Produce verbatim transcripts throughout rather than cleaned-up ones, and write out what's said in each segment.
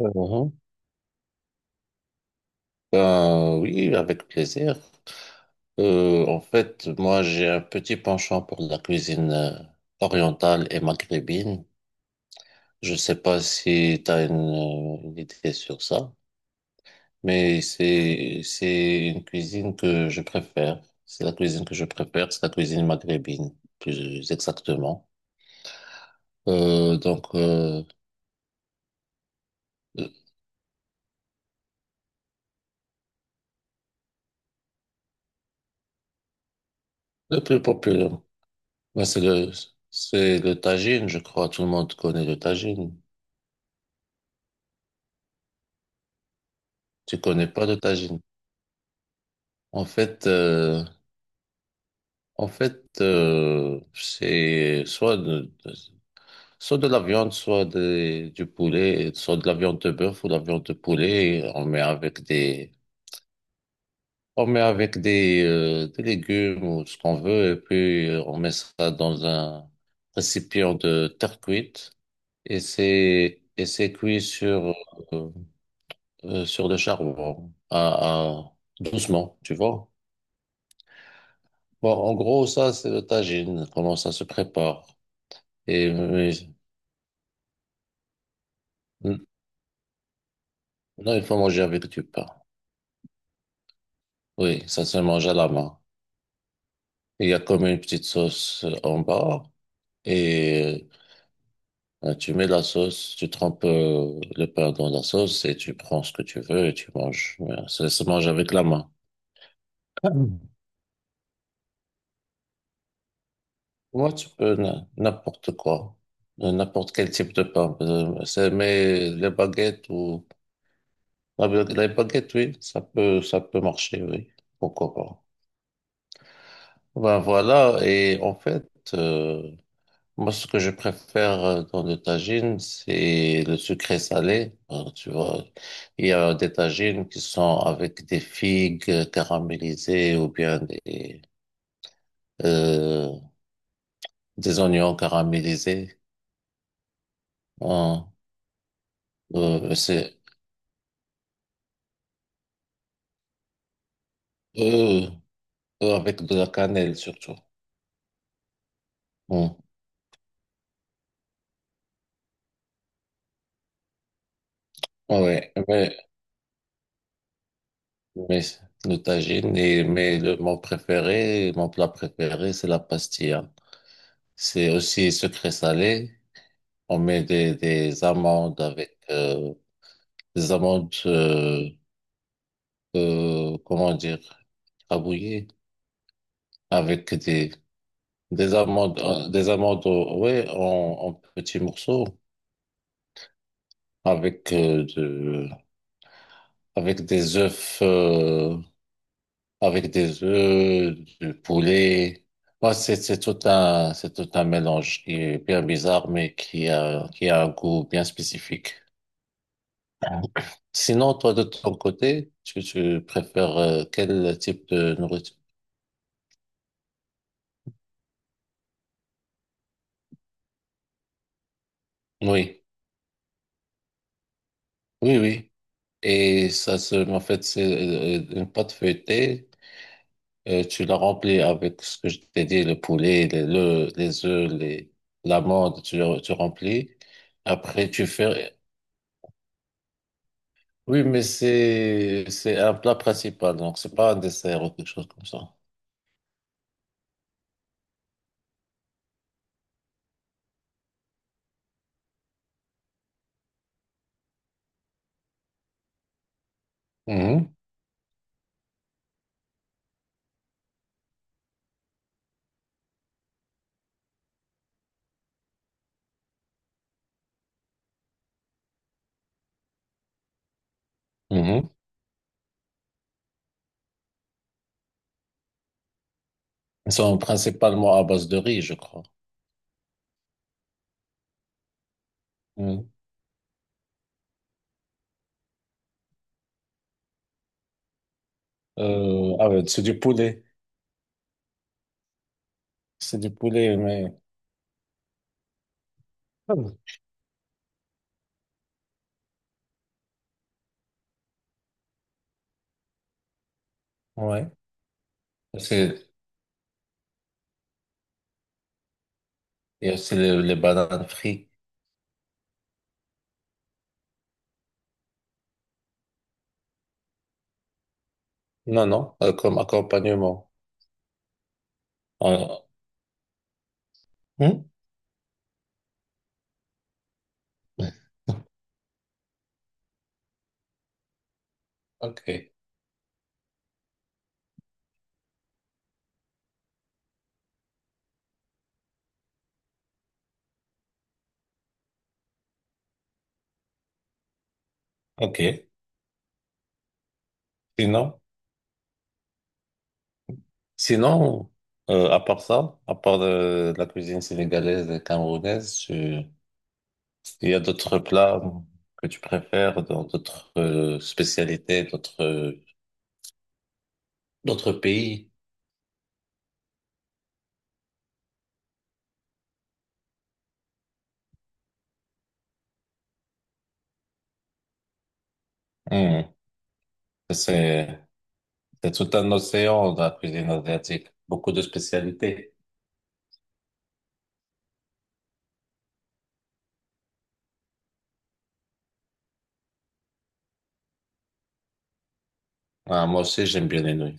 Mhm. Ben, oui, avec plaisir. Euh, en fait, moi, j'ai un petit penchant pour la cuisine euh, orientale et maghrébine. Je sais pas si tu as une, euh, une idée sur ça, mais c'est, c'est une cuisine que je préfère. C'est la cuisine que je préfère, c'est la cuisine maghrébine, plus exactement. Euh, donc, euh, le le plus populaire, ben, c'est le, c'est le tagine, je crois. Tout le monde connaît le tagine. Tu connais pas le tagine? En fait, euh, en fait, euh, c'est soit de, de- soit de la viande, soit des- du poulet, soit de la viande de bœuf ou de la viande de poulet. On met avec des, on met avec des, euh, des légumes ou ce qu'on veut, et puis euh, on met ça dans un récipient de terre cuite et c'est et c'est cuit sur euh, euh, sur le charbon à, à- doucement, tu vois. Bon, en gros, ça c'est le tagine. Comment ça se prépare? Et oui, non, il faut manger avec du pain. Oui, ça se mange à la main. Il y a comme une petite sauce euh, en bas et euh, tu mets la sauce, tu trempes euh, le pain dans la sauce et tu prends ce que tu veux et tu manges. Ouais, ça se mange avec la main. Moi, tu peux n- n'importe quoi, Euh, n'importe quel type de pain. Euh, c'est- Mais les baguettes ou la ba- les baguettes, oui, ça peut, ça peut marcher, oui. Pourquoi pas? Ben voilà. Et en fait, euh, moi, ce que je préfère euh, dans le tagine, c'est le sucré salé. Euh, Tu vois, il y a des tagines qui sont avec des figues caramélisées ou bien des, euh, des oignons caramélisés. Hein. Euh, c'est euh, euh, avec de la cannelle surtout. Hum. Ouais, mais, mais le tagine, et, mais le, mon préféré, mon plat préféré, c'est la pastilla. C'est aussi sucré salé. On met des, des amandes avec euh, des amandes, euh, euh, comment dire, rabouillées, avec des, des amandes, euh, des amandes, au- ouais, en, en petits morceaux, avec euh, de, avec des œufs, euh, avec des œufs, du poulet. Ouais, c'est, c'est tout un, c'est tout un mélange qui est bien bizarre, mais qui a, qui a un goût bien spécifique. Sinon, toi, de ton côté, tu, tu préfères euh, quel type de nourriture? Oui, oui, oui. Et ça, se, en fait, c'est euh, une pâte feuilletée. euh, tu la remplis avec ce que je t'ai dit, le poulet, les, le, les œufs, les, l'amande, tu, tu remplis. Après, tu fais... Oui, mais c'est, c'est un plat principal, donc c'est pas un dessert ou quelque chose comme ça. Mhm, mhm. Ils sont principalement à base de riz, je crois. Mhm. Euh, ah ouais, c'est du poulet. C'est du poulet, mais... Ah bon. Ouais. C'est... Il y a aussi les, les bananes frites. Non, non, euh, comme accompagnement. Euh, hmm? Ok, ok. Sinon, sinon euh, à part ça, à part de la cuisine sénégalaise et camerounaise, tu- il y a d'autres plats que tu préfères dans d'autres euh, spécialités, d'autres d'autres pays. Hmm. C'est c'est tout un océan de la cuisine asiatique, beaucoup de spécialités. Ah, moi aussi, j'aime bien les nouilles.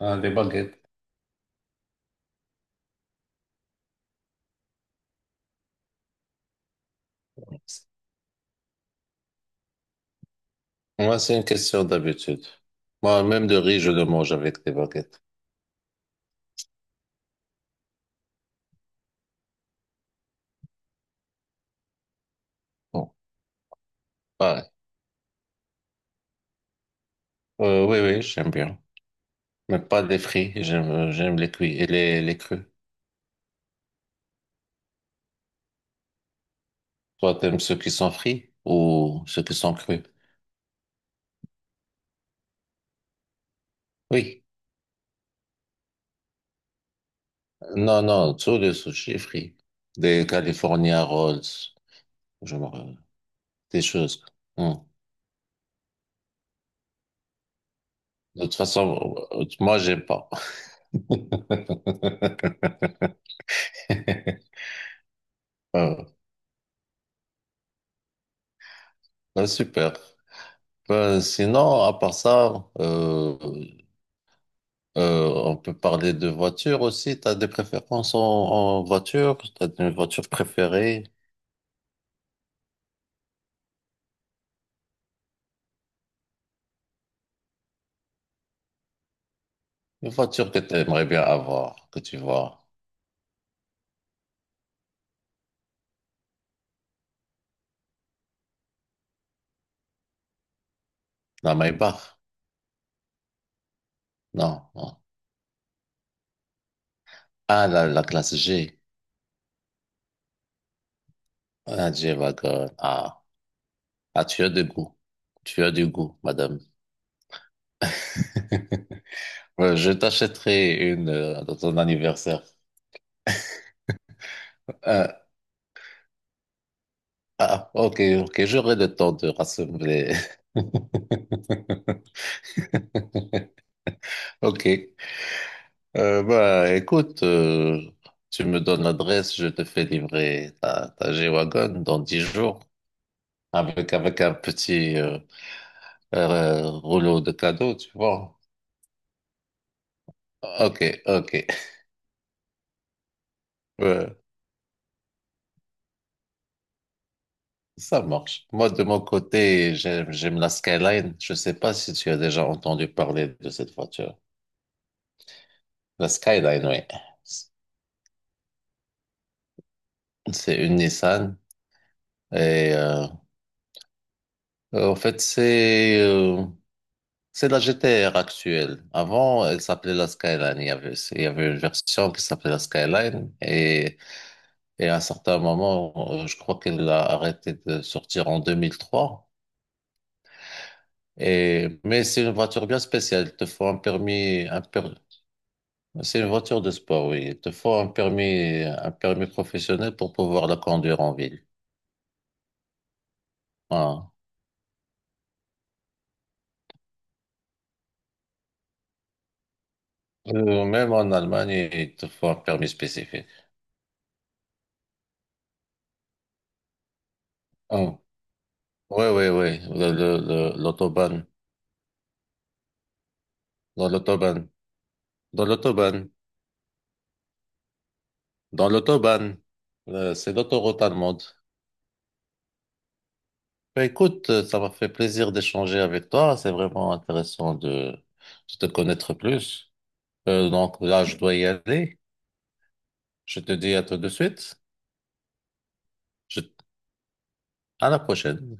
Ah, les baguettes. Moi, c'est une question d'habitude. Moi, même de riz, je le mange avec des baguettes. Bon, pareil. Euh, oui, oui, j'aime bien. Mais pas les frits. J'aime, euh, j'aime les cuits et les, les crus. Toi, t'aimes ceux qui sont frits ou ceux qui sont crus? Oui. Non, non, tous les sushis frits. Des California Rolls. Je me... rappelle. Des choses. Hum. De toute façon, euh, moi, j'aime pas. Ah, ah, super. Euh, sinon, à part ça, euh, euh, on peut parler de voiture aussi. T'as des préférences en, en voiture? T'as une voiture préférée? Une voiture que tu aimerais bien avoir, que tu vois. La Maybach? Non. Non. Ah, la, la classe G. Ah, G-Wagon. Ah. Ah, tu as du goût. Tu as du goût, madame. Ouais, je t'achèterai une euh, dans ton anniversaire. Euh, ah, ok, ok, j'aurai le temps de rassembler. Ok. Euh, bah, écoute, euh, tu me donnes l'adresse, je te fais livrer ta, ta G-Wagon dans dix jours avec, avec un petit euh, euh, rouleau de cadeaux, tu vois. Ok, ok. Euh, ça marche. Moi, de mon côté, j'aime, j'aime la Skyline. Je sais pas si tu as déjà entendu parler de cette voiture. La Skyline, oui. C'est une Nissan. Et euh, en fait, c'est... euh, C'est la G T R actuelle. Avant, elle s'appelait la Skyline. Il y avait, il y avait une version qui s'appelait la Skyline et, et à un certain moment, euh, je crois qu'elle a arrêté de sortir en deux mille trois. Et, mais c'est une voiture bien spéciale. Il te faut un permis, un per- c'est une voiture de sport, oui. Il te faut un permis, un permis professionnel pour pouvoir la conduire en ville. Voilà. Euh, même en Allemagne, il te faut un permis spécifique. Oui, oui, oui. Le, le, le- L'autobahn. Dans l'autobahn. Dans l'autobahn. Dans l'autobahn. Euh, c'est l'autoroute allemande. Bah, écoute, euh, ça m'a fait plaisir d'échanger avec toi. C'est vraiment intéressant de, de te connaître plus. Euh, donc là, je dois y aller. Je te dis à tout de suite. Je- à la prochaine.